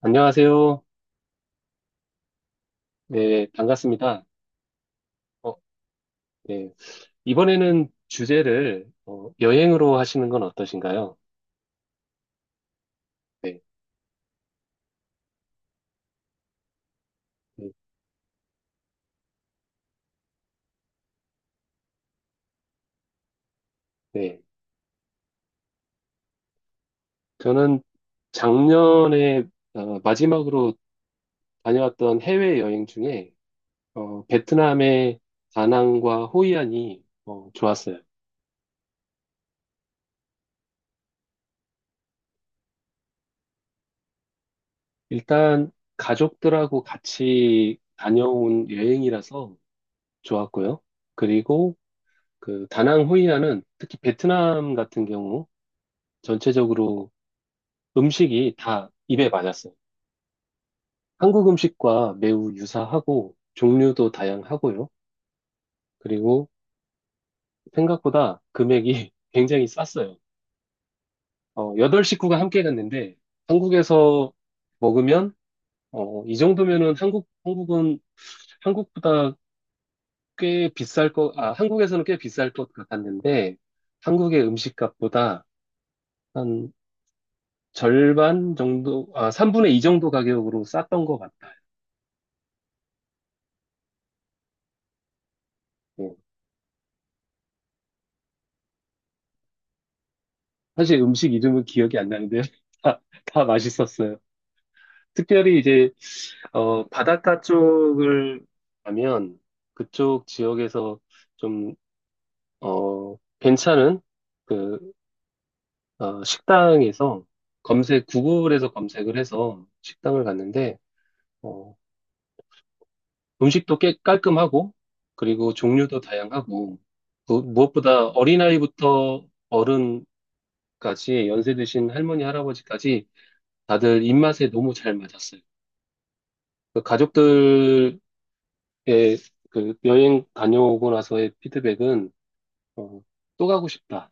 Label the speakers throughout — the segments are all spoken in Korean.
Speaker 1: 안녕하세요. 네, 반갑습니다. 어, 네. 이번에는 주제를 여행으로 하시는 건 어떠신가요? 네, 네. 네. 저는 작년에 마지막으로 다녀왔던 해외여행 중에 베트남의 다낭과 호이안이 좋았어요. 일단 가족들하고 같이 다녀온 여행이라서 좋았고요. 그리고 그 다낭 호이안은 특히 베트남 같은 경우 전체적으로 음식이 다 입에 맞았어요. 한국 음식과 매우 유사하고 종류도 다양하고요. 그리고 생각보다 금액이 굉장히 쌌어요. 8식구 식구가 함께 갔는데 한국에서 먹으면 이 정도면은 한국은 한국보다 꽤 비쌀 것, 한국에서는 꽤 비쌀 것 같았는데 한국의 음식값보다 한 3분의 2 정도 가격으로 쌌던 것 같아요. 예. 사실 음식 이름은 기억이 안 나는데 다, 다 맛있었어요. 특별히 이제 바닷가 쪽을 가면 그쪽 지역에서 좀 괜찮은 그 식당에서 검색 구글에서 검색을 해서 식당을 갔는데 어, 음식도 꽤 깔끔하고 그리고 종류도 다양하고 무엇보다 어린아이부터 어른까지 연세 드신 할머니 할아버지까지 다들 입맛에 너무 잘 맞았어요. 그 가족들의 그 여행 다녀오고 나서의 피드백은 어, 또 가고 싶다.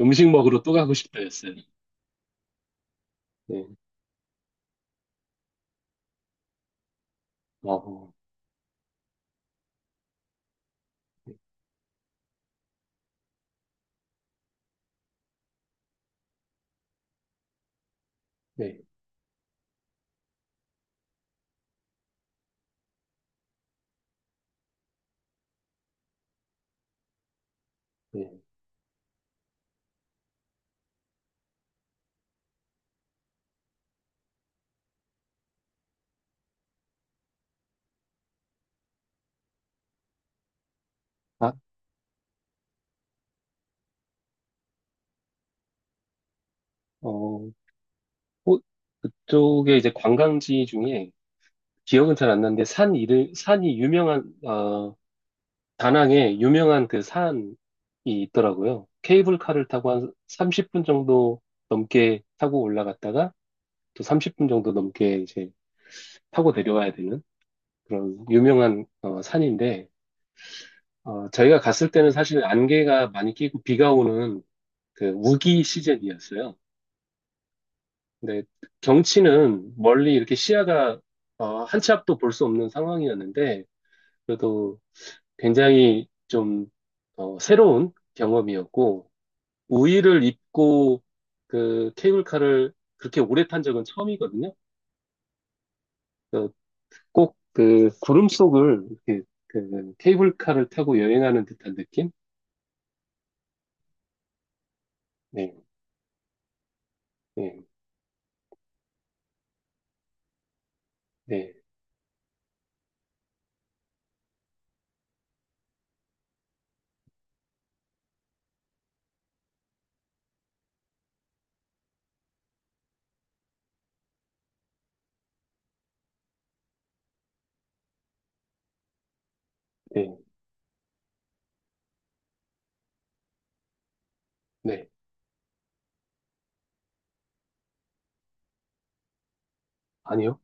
Speaker 1: 음식 먹으러 또 가고 싶다였어요. 네. 어, 어. 네. 네. 아, 어, 호- 그쪽에 이제 관광지 중에 기억은 잘 안 나는데 산 이름 산이 유명한 다낭에 유명한 그 산이 있더라고요. 케이블카를 타고 한 30분 정도 넘게 타고 올라갔다가 또 30분 정도 넘게 이제 타고 내려와야 되는 그런 유명한 산인데 저희가 갔을 때는 사실 안개가 많이 끼고 비가 오는 그 우기 시즌이었어요. 근데 경치는 멀리 이렇게 시야가 한 치 앞도 볼 수 없는 상황이었는데 그래도 굉장히 좀 새로운 경험이었고 우의를 입고 그 케이블카를 그렇게 오래 탄 적은 처음이거든요. 꼭 그 구름 속을 이렇게 그 케이블카를 타고 여행하는 듯한 느낌? 네. 네. 네, 네, 네. 아니요?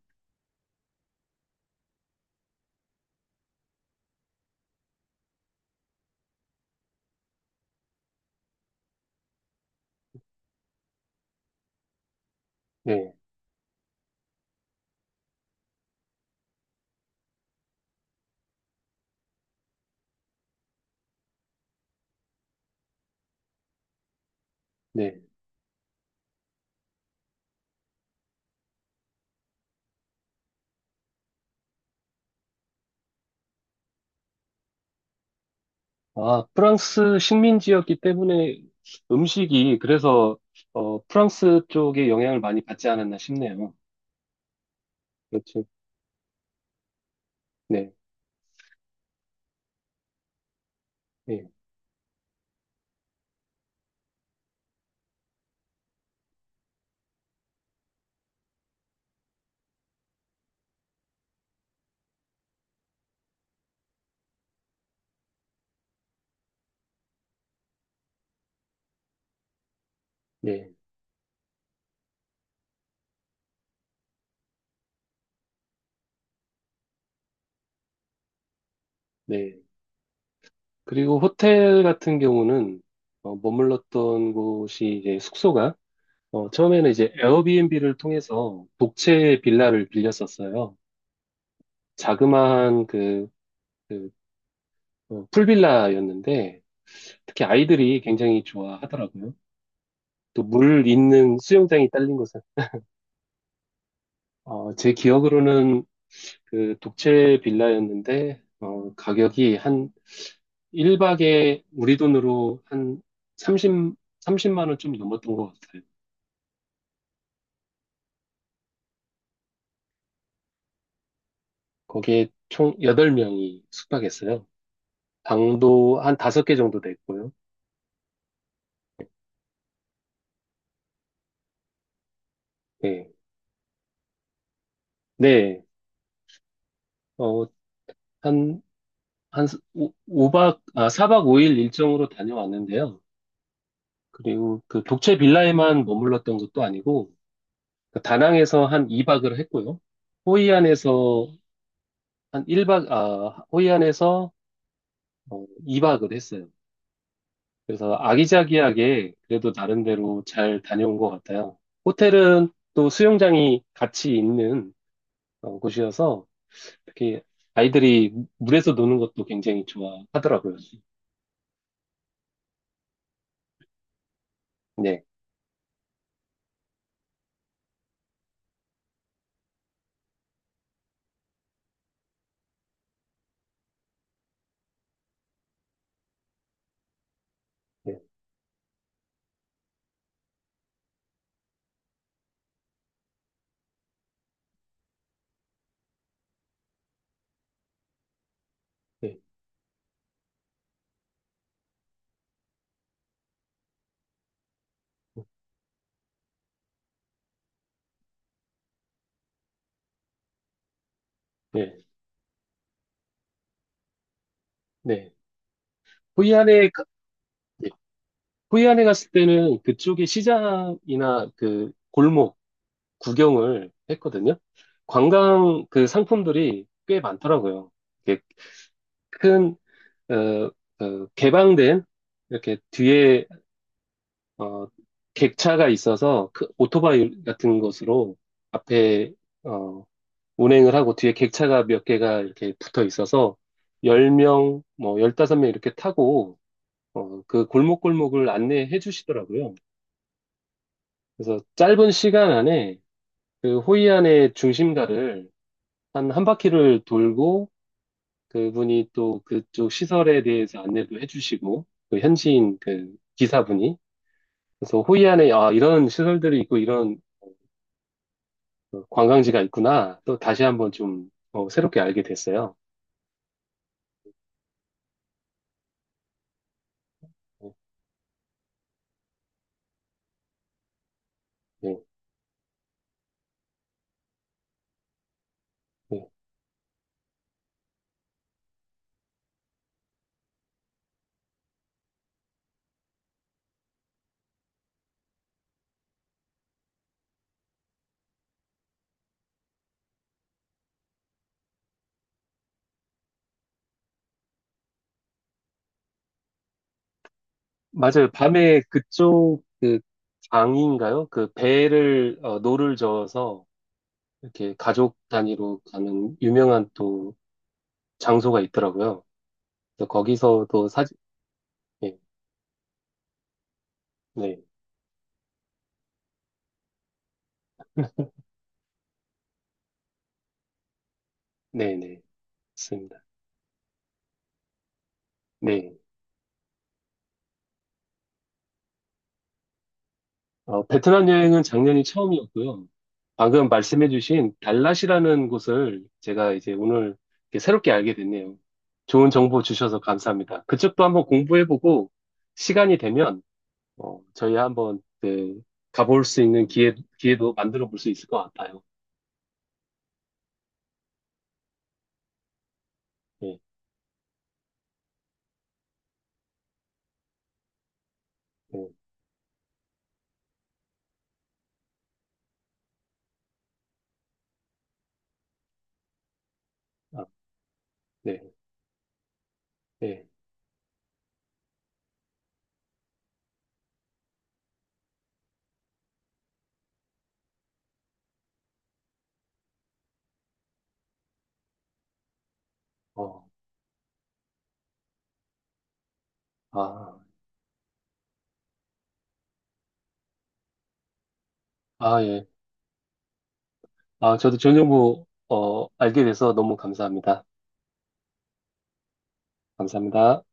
Speaker 1: 네, 네. 아, 프랑스 식민지였기 때문에 음식이 그래서 프랑스 쪽에 영향을 많이 받지 않았나 싶네요. 그렇죠. 네, 네, 네, 네. 그리고 호텔 같은 경우는 머물렀던 곳이 이제 숙소가 처음에는 이제 에어비앤비를 통해서 독채 빌라를 빌렸었어요. 자그마한 그 풀빌라였는데 특히 아이들이 굉장히 좋아하더라고요. 또 물 있는 수영장이 딸린 곳은 제 기억으로는 그 독채 빌라였는데 가격이 한 1박에 우리 돈으로 한 30, 30만 원 좀 넘었던 것 같아요. 거기에 총 8명이 숙박했어요. 방도 한 5개 정도 됐고요. 네. 네. 어, 한, 한 오 박 아, 4박 5일 일정으로 다녀왔는데요. 그리고 그 독채 빌라에만 머물렀던 것도 아니고 그 다낭에서 한 2박을 했고요. 호이안에서 한 1박, 아, 호이안에서 어, 2박을 했어요. 그래서 아기자기하게 그래도 나름대로 잘 다녀온 것 같아요. 호텔은 또 수영장이 같이 있는 곳이어서 특히 아이들이 물에서 노는 것도 굉장히 좋아하더라고요. 네, 네, 네, 네, 네. 호이안에, 가- 네. 호이안에 갔을 때는 그쪽에 시장이나 그 골목, 구경을 했거든요. 관광 그 상품들이 꽤 많더라고요. 이렇게 큰, 어, 그 개방된 이렇게 뒤에 어, 객차가 있어서 그 오토바이 같은 것으로 앞에 어, 운행을 하고 뒤에 객차가 몇 개가 이렇게 붙어 있어서 10명, 뭐 15명 이렇게 타고 그 골목골목을 안내해 주시더라고요. 그래서 짧은 시간 안에 그 호이안의 중심가를 한 한 바퀴를 돌고 그분이 또 그쪽 시설에 대해서 안내도 해주시고 그 현지인 그 기사분이 그래서 호이안에 아 이런 시설들이 있고 이런 관광지가 있구나 또 다시 한번 좀 새롭게 알게 됐어요. 네, 네. 네. 맞아요. 밤에 그쪽 그 강인가요? 그 배를 노를 저어서 이렇게 가족 단위로 가는 유명한 또 장소가 있더라고요. 그래서 거기서도 사진 네, 네, 네, 네, 있습니다. 네. 베트남 여행은 작년이 처음이었고요. 방금 말씀해주신 달랏이라는 곳을 제가 이제 오늘 이렇게 새롭게 알게 됐네요. 좋은 정보 주셔서 감사합니다. 그쪽도 한번 공부해보고 시간이 되면 저희 한번 그 가볼 수 있는 기회도 만들어 볼 수 있을 것 같아요. 예, 예, 아, 네, 예, 어, 아, 아, 예. 아, 저도 좋은 정보 알게 돼서 너무 감사합니다. 감사합니다.